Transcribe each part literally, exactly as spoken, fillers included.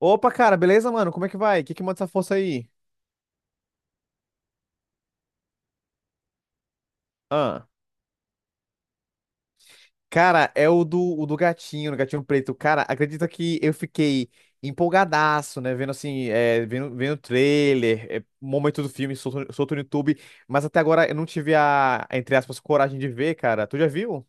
Opa, cara, beleza, mano? Como é que vai? O que que manda essa força aí? Ah, cara, é o do, o do gatinho, o gatinho preto. Cara, acredita que eu fiquei empolgadaço, né? Vendo assim, é, vendo, vendo o trailer, é, momento do filme, solto, solto no YouTube, mas até agora eu não tive a, a, entre aspas, coragem de ver, cara. Tu já viu?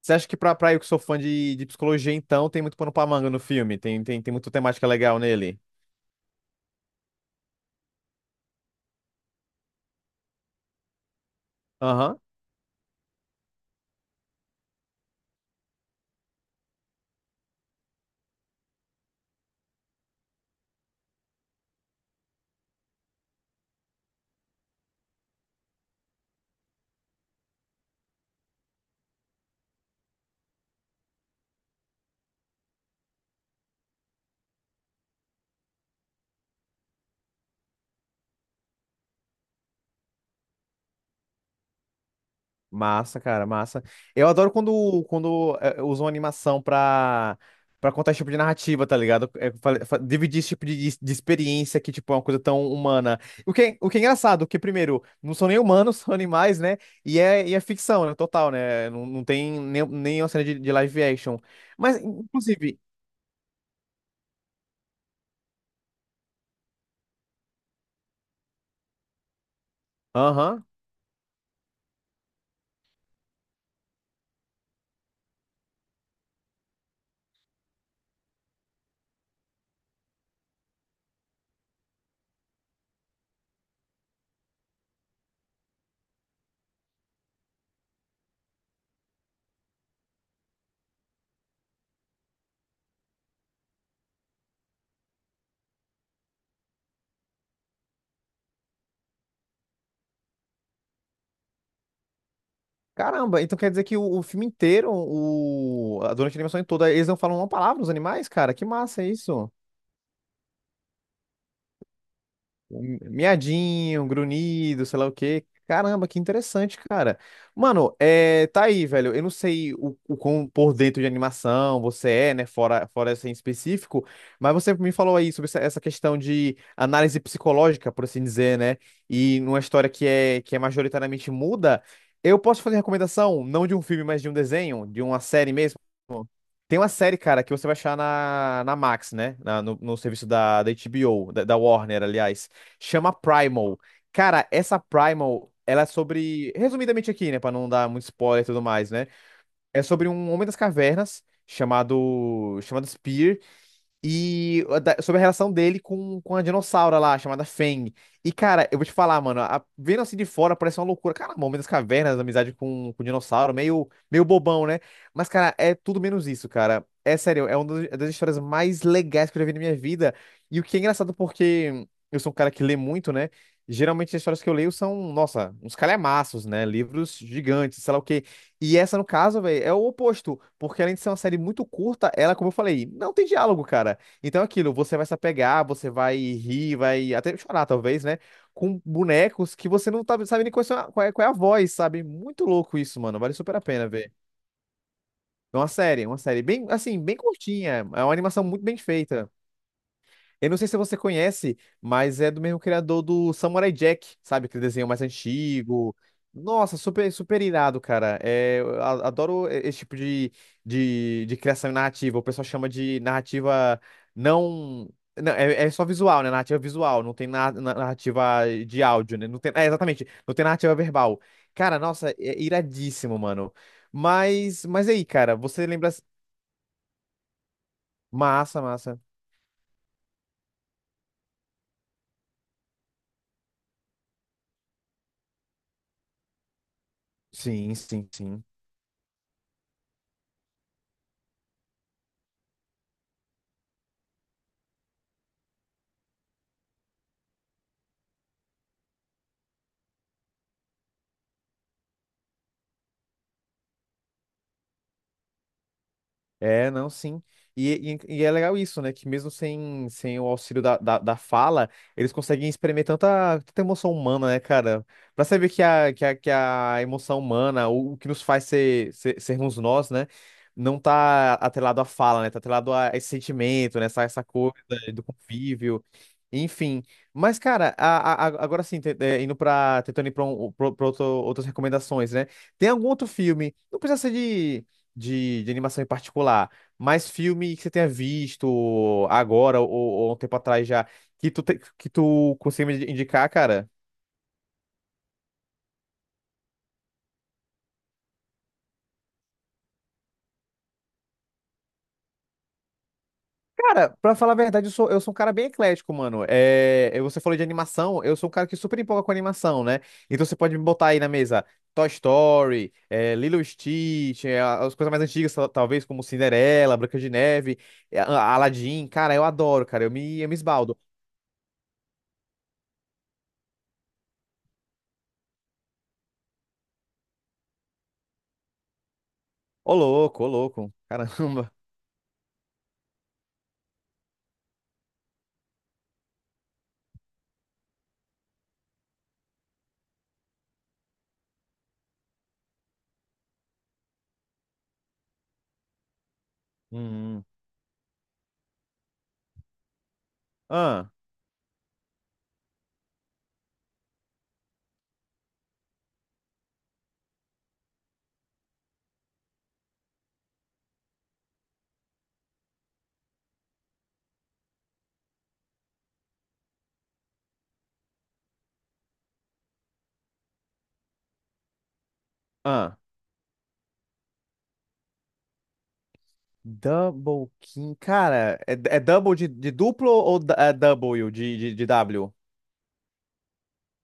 Você acha que pra, pra eu que sou fã de, de psicologia, então, tem muito pano pra manga no filme? Tem, tem, tem muita temática legal nele? Aham. Massa, cara, massa. Eu adoro quando, quando é, usam animação pra, pra contar esse tipo de narrativa, tá ligado? É, fa- fa- dividir esse tipo de, de experiência que, tipo, é uma coisa tão humana. O que, é- o que é engraçado, que, primeiro, não são nem humanos, são animais, né? E é, e é ficção, né? Total, né? Não, não tem nem, nem uma cena de, de live action. Mas, inclusive... Aham. Caramba, então quer dizer que o, o filme inteiro, o, a- durante a animação toda, eles não falam uma palavra, os animais, cara? Que massa isso. Um miadinho, um grunhido, sei lá o quê. Caramba, que interessante, cara. Mano, é, tá aí, velho. Eu não sei o, o quão por dentro de animação você é, né? Fora, fora essa em específico, mas você me falou aí sobre essa, essa questão de análise psicológica, por assim dizer, né? E numa história que é, que é majoritariamente muda. Eu posso fazer recomendação, não de um filme, mas de um desenho, de uma série mesmo. Tem uma série, cara, que você vai achar na, na Max, né? Na- no, no serviço da, da agá B O, da, da Warner, aliás. Chama Primal. Cara, essa Primal, ela é sobre. Resumidamente aqui, né? Pra não dar muito spoiler e tudo mais, né? É sobre um homem das cavernas chamado. chamado Spear, e a da- sobre a relação dele com, com a dinossauro lá, chamada Fang. E, cara, eu vou te falar, mano, a- vendo assim de fora parece uma loucura. Cara, Momento das Cavernas, amizade com, com o dinossauro, meio, meio bobão, né? Mas, cara, é tudo menos isso, cara. É sério, é uma das é das histórias mais legais que eu já vi na minha vida. E o que é engraçado, porque eu sou um cara que lê muito, né? Geralmente as histórias que eu leio são, nossa, uns calhamaços, né? Livros gigantes, sei lá o quê. E essa, no caso, velho, é o oposto. Porque além de ser uma série muito curta, ela, como eu falei, não tem diálogo, cara. Então, é aquilo, você vai se apegar, você vai rir, vai até chorar, talvez, né? Com bonecos que você não tá, sabe nem qual é, a- qual é qual é a voz, sabe? Muito louco isso, mano. Vale super a pena ver. É uma série, é uma série bem, assim, bem curtinha. É uma animação muito bem feita. Eu não sei se você conhece, mas é do mesmo criador do Samurai Jack, sabe? Aquele desenho mais antigo. Nossa, super, super irado, cara. É, eu a- adoro e- esse tipo de, de, de criação narrativa. O pessoal chama de narrativa não. Não, é, é só visual, né? Narrativa visual, não tem na- na- narrativa de áudio, né? Não tem, é, exatamente, não tem narrativa verbal. Cara, nossa, é iradíssimo, mano. Mas, mas aí, cara, você lembra. Massa, massa. Sim, sim, sim. É, não, sim. E, e, e é legal isso, né? Que mesmo sem, sem o auxílio da, da, da fala, eles conseguem experimentar tanta, tanta emoção humana, né, cara? Pra saber que a, que a, que a emoção humana, o, o que nos faz ser, ser- sermos nós, né? Não tá atrelado à fala, né? Tá atrelado a esse sentimento, né? Essa, essa coisa do convívio. Enfim. Mas, cara, a, a- a- agora sim, te- é, indo pra, tentando ir pra, um, pra, pra outro- outras recomendações, né? Tem algum outro filme? Não precisa ser de de, de animação em particular, mas filme que você tenha visto agora ou, ou um tempo atrás já, que tu, te- que tu consiga me indicar, cara? Cara, pra falar a verdade, eu sou, eu sou um cara bem eclético, mano. É, é, você falou de animação, eu sou um cara que super empolga com animação, né? Então você pode me botar aí na mesa Toy Story, é, Lilo e Stitch, é, as coisas mais antigas, tal- talvez, como Cinderela, Branca de Neve, é, a- Aladdin. Cara, eu adoro, cara, eu me, eu me esbaldo. Ô louco, ô louco, caramba. Hum. Ah. Ah, Double King. Cara, é, é double de, de duplo ou du- é Double de, de, de W?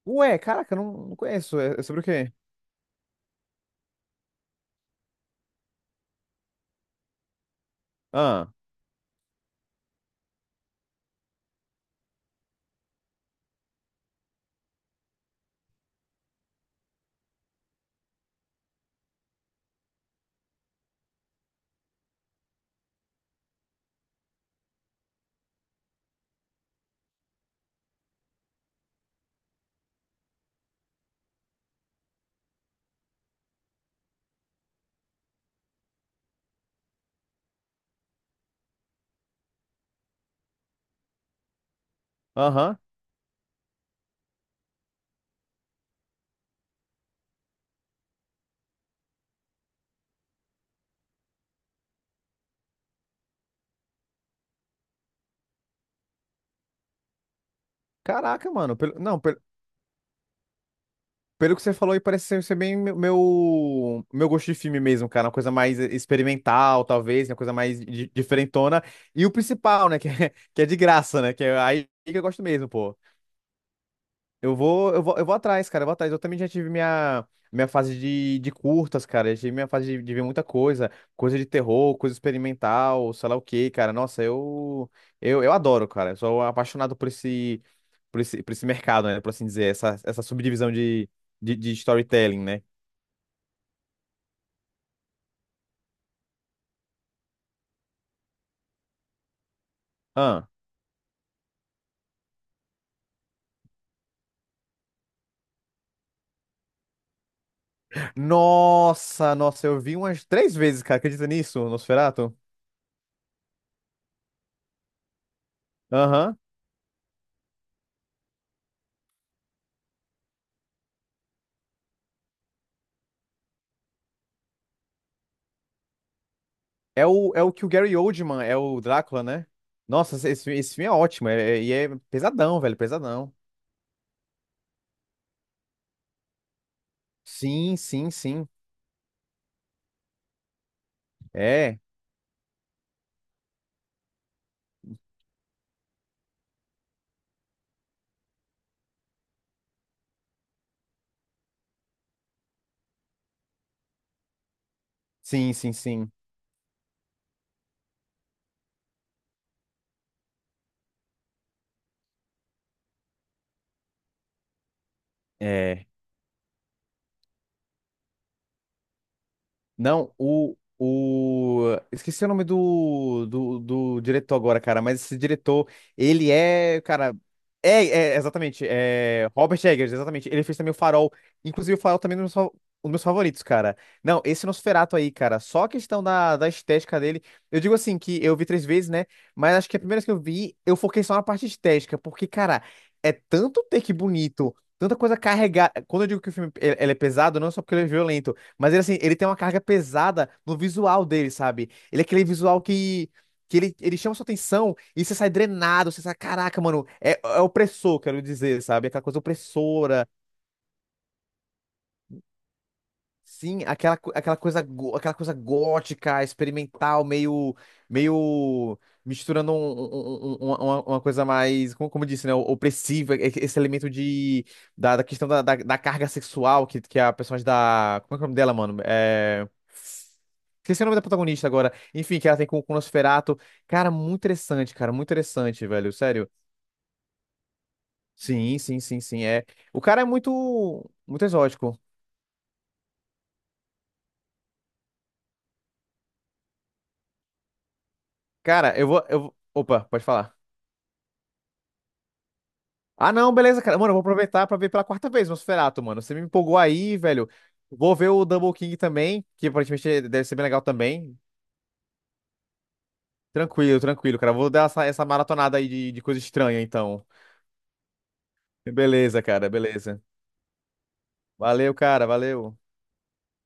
Ué, caraca, eu não, não conheço. É, é sobre o quê? Ah, aham. Caraca, mano. Pelo, não, pelo, pelo que você falou aí, parece ser, ser bem meu, meu meu gosto de filme mesmo, cara. Uma coisa mais experimental, talvez, uma coisa mais di- diferentona. E o principal, né? Que é, que é de graça, né? Que é aí que eu gosto mesmo, pô. Eu vou, eu vou, eu vou atrás, cara, eu vou atrás. Eu também já tive minha, minha fase de, de curtas, cara. Eu tive minha fase de, de ver muita coisa, coisa de terror, coisa experimental, sei lá o quê, cara. Nossa, eu, eu, eu adoro, cara. Eu sou apaixonado por esse, por esse, por esse mercado, né? Por assim dizer, essa, essa subdivisão de, de, de storytelling, né? Ah. Nossa, nossa, eu vi umas três vezes, cara. Acredita nisso, Nosferatu? Aham. É o, é o que o Gary Oldman é o Drácula, né? Nossa, esse, esse filme é ótimo. é- é- E é, pesadão, velho, pesadão. Sim, sim, sim. É. Sim, sim, sim. É. Não, o, o... Esqueci o nome do, do, do diretor agora, cara, mas esse diretor, ele é, cara... É, é, exatamente, é Robert Eggers, exatamente. Ele fez também o Farol. Inclusive, o Farol também é um dos meus fa- um dos meus favoritos, cara. Não, esse Nosferatu aí, cara, só a questão da, da estética dele. Eu digo assim, que eu vi três vezes, né? Mas acho que a primeira vez que eu vi, eu foquei só na parte estética, porque, cara, é tanto take bonito, tanta coisa carregada. Quando eu digo que o filme ele ele é pesado, não é só porque ele é violento. Mas ele, assim, ele tem uma carga pesada no visual dele, sabe? Ele é aquele visual que, que ele, ele chama sua atenção e você sai drenado, você sai, caraca, mano, é, é opressor, quero dizer, sabe? Aquela coisa opressora. Sim, aquela, co- aquela coisa, gó- aquela coisa gótica, experimental, meio, meio misturando um- um- um- um- uma, uma coisa mais, como, como eu disse, né, opressiva, e- esse elemento de, da, da questão da, da, da carga sexual que, que a personagem da, como é que é o nome dela, mano? É... Esqueci o nome da protagonista agora. Enfim, que ela tem com com o Nosferatu. Cara, muito interessante, cara, muito interessante, velho, sério. Sim, sim, sim, sim, é. O cara é muito, muito exótico. Cara, eu vou, eu... vou- Opa, pode falar. Ah, não, beleza, cara. Mano, eu vou aproveitar pra ver pela quarta vez Nosferatu, mano. Você me empolgou aí, velho. Vou ver o Double King também, que aparentemente deve ser bem legal também. Tranquilo, tranquilo, cara. Vou dar essa, essa maratonada aí de, de coisa estranha, então. Beleza, cara, beleza. Valeu, cara, valeu.